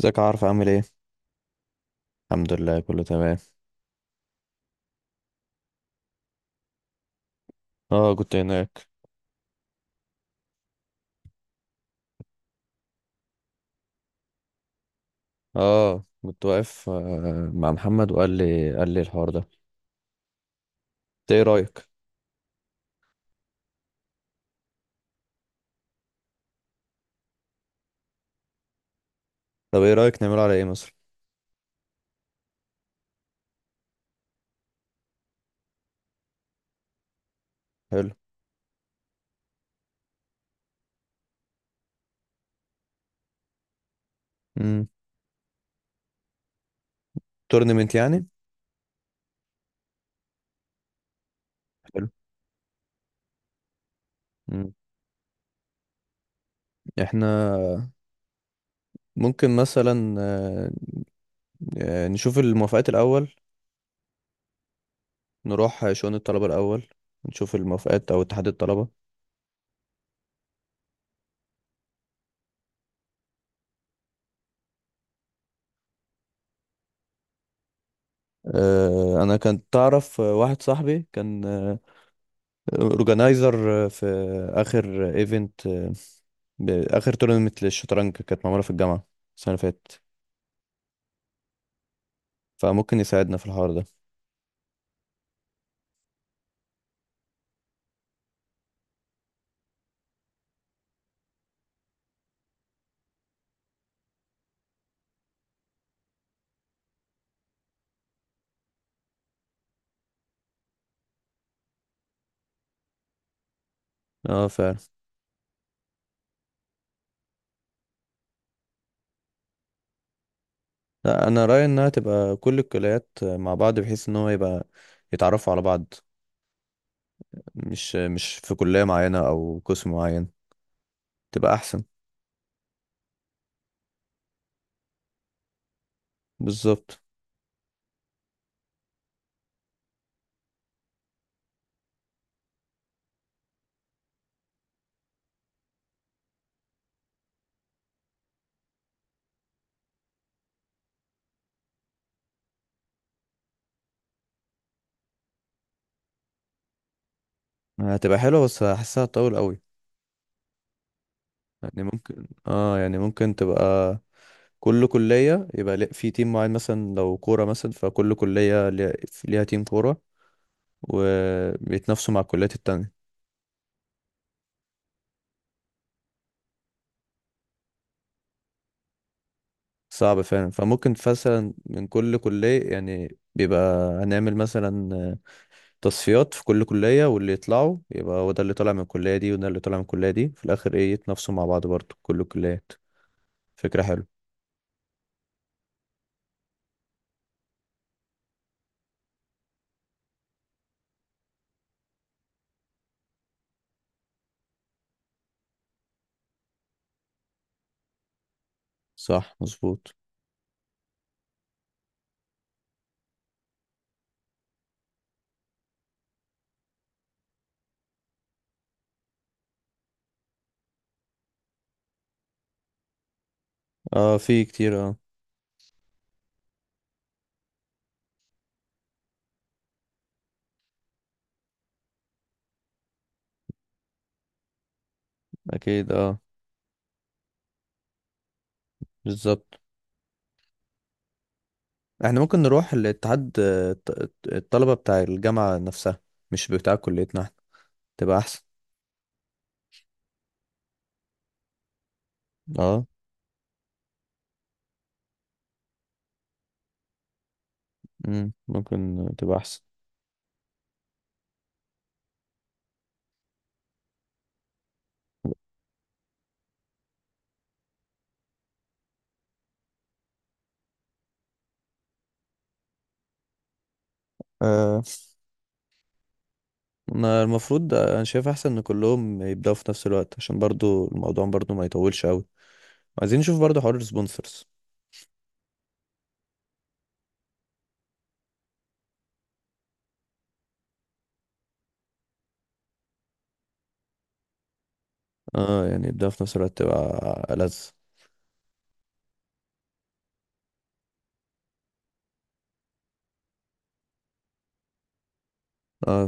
ازيك يا عارف، عامل ايه؟ الحمد لله، كله تمام. اه، كنت هناك. اه، كنت واقف، مع محمد، وقال لي قال لي الحوار ده. انت ايه رايك؟ طب ايه رايك نعمله على ايه مثلا؟ حلو. امم. تورنمنت يعني؟ حلو. امم. احنا ممكن مثلا نشوف الموافقات الاول، نروح شؤون الطلبه الاول، نشوف الموافقات او اتحاد الطلبه. انا كنت تعرف، واحد صاحبي كان اورجنايزر في اخر ايفنت، اخر تورنمت للشطرنج كانت معموله في الجامعه السنه اللي فاتت. فممكن يساعدنا في الحوار ده. اه، فعلا. لا، انا رايي انها تبقى كل الكليات مع بعض، بحيث ان هو يبقى يتعرفوا على بعض، مش في كليه معينه او قسم معين، تبقى احسن. بالظبط. هتبقى حلوه بس هحسها طول قوي. يعني ممكن، اه، يعني ممكن تبقى كل كليه، يبقى في تيم معين، مثلا لو كوره، مثلا فكل كليه ليها تيم كوره، وبيتنافسوا مع الكليات التانية. صعب فعلا، فممكن مثلا من كل كلية، يعني بيبقى هنعمل مثلا تصفيات في كل كلية، واللي يطلعوا يبقى هو ده اللي طالع من الكلية دي وده اللي طالع من الكلية دي، في الآخر ايه يتنافسوا مع بعض برضه كل الكليات. فكرة حلوة. صح، مظبوط. اه، في كتير اه. أكيد اه. بالظبط. احنا ممكن نروح لاتحاد الطلبة بتاع الجامعة نفسها، مش بتاع كليتنا احنا، تبقى أحسن. اه. ممكن تبقى أحسن. انا شايف احسن ان كلهم يبداوا في نفس الوقت، عشان برضو الموضوع برضو ما يطولش قوي. عايزين نشوف برضو حوار السبونسرز. اه، يعني يبداوا في نفس الوقت تبقى ألذ. اه.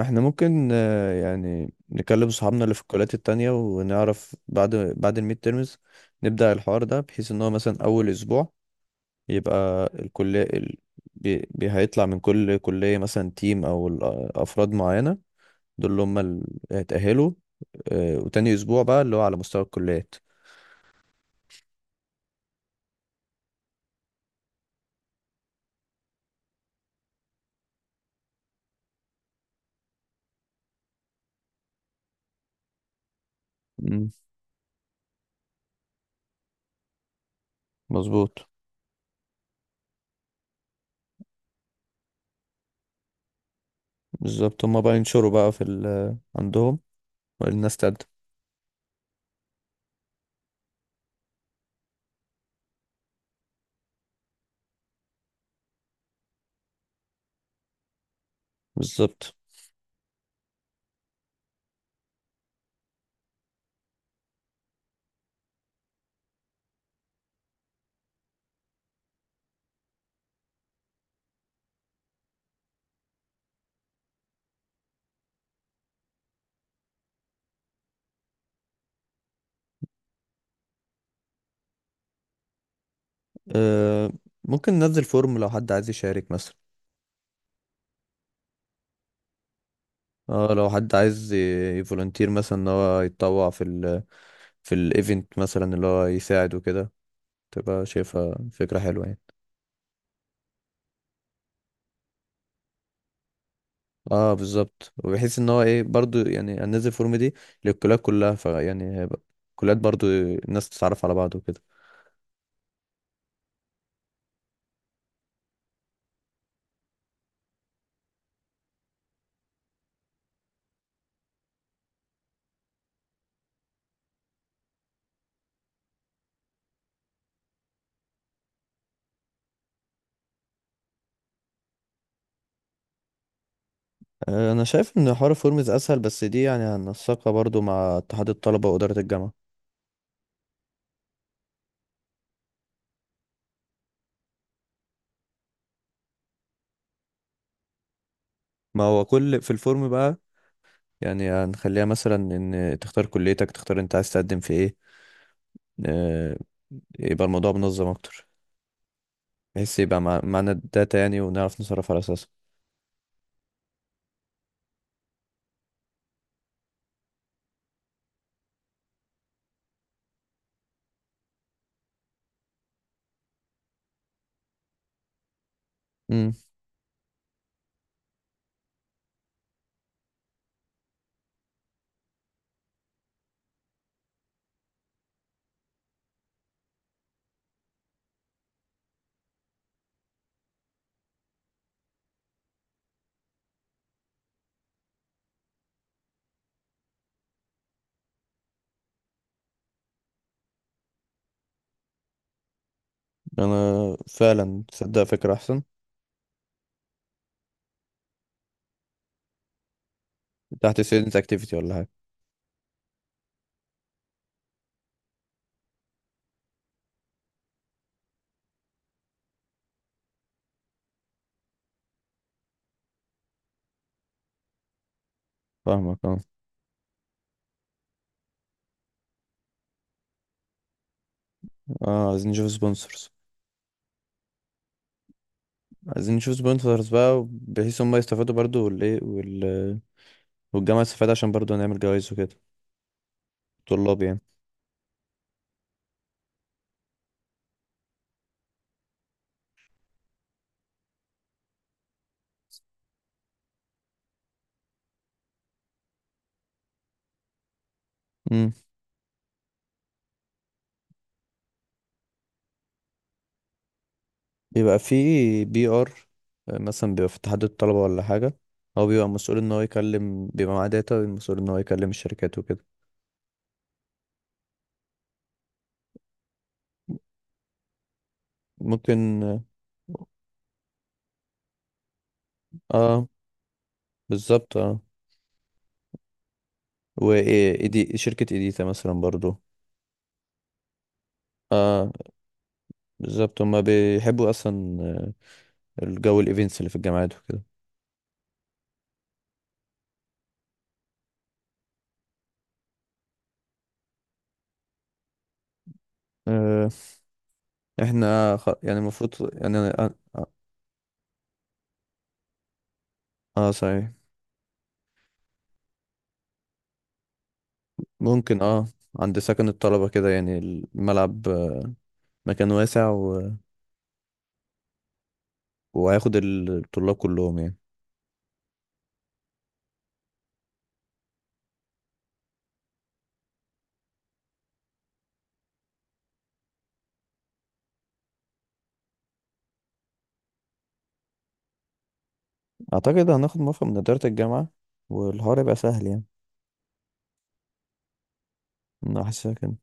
احنا ممكن يعني نكلم صحابنا اللي في الكليات التانية، ونعرف بعد الميد تيرمز نبدأ الحوار ده، بحيث ان هو مثلا اول اسبوع يبقى الكلية هيطلع من كل كلية، مثلا تيم، او افراد معينة، دول اللي هم اللي اتأهلوا. وتاني أسبوع بقى اللي هو على مستوى الكليات. مم، مظبوط. بالظبط. هم بقى ينشروا بقى في ال عندهم والناس تقدم. بالظبط. آه، ممكن ننزل فورم لو حد عايز يشارك مثلا. اه، لو حد عايز يفولنتير، مثلا ان هو يتطوع في الايفنت، مثلا اللي هو يساعد وكده. تبقى شايفها فكرة حلوة يعني. اه، بالظبط. وبحيث ان هو ايه برضو، يعني هننزل الفورم دي للكليات كلها، فيعني هيبقى الكليات برضو الناس تتعرف على بعض وكده. انا شايف ان حوار فورمز اسهل، بس دي يعني هننسقها برضو مع اتحاد الطلبه واداره الجامعه. ما هو كل في الفورم بقى، يعني هنخليها مثلا ان تختار كليتك، تختار انت عايز تقدم في ايه. آه، يبقى الموضوع منظم اكتر، بحيث يبقى معانا الداتا يعني، ونعرف نصرف على اساسها. امم. انا فعلا تصدق فكره احسن. تحت ستودنت اكتيفيتي ولا حاجه؟ فاهمك، اه. اه، عايزين نشوف سبونسرز. عايزين نشوف سبونسرز بقى، بحيث هم يستفادوا برضو، والايه وال... والجامعه تستفاد عشان برضو نعمل جوائز وكده. طلاب يعني. امم. بيبقى في PR مثلا، بيبقى في اتحاد الطلبة ولا حاجة، هو بيبقى مسؤول ان هو يكلم، بيبقى معاه داتا، مسؤول ان هو يكلم الشركات وكده. ممكن، اه. بالظبط، اه. و إيه- شركة ايديتا مثلا برضو. اه، بالظبط، هما بيحبوا اصلا آه، الجو الايفنتس اللي في الجامعات وكده. آه احنا يعني المفروض يعني اه صحيح. ممكن، اه. عند سكن الطلبة كده يعني. الملعب مكان واسع، وهياخد الطلاب كلهم يعني. اعتقد هناخد موافقة من ادارة الجامعة، والحوار يبقى سهل يعني. انا حاسسها كده.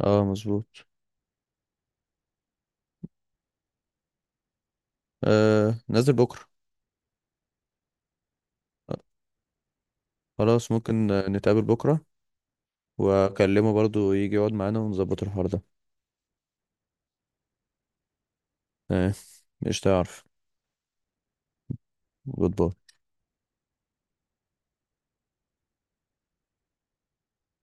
اه، مظبوط. نازل بكرة. خلاص، ممكن نتقابل بكرة، واكلمه برضو يجي يقعد معانا ونظبط الحوار ده. آه، مش تعرف. جود باي.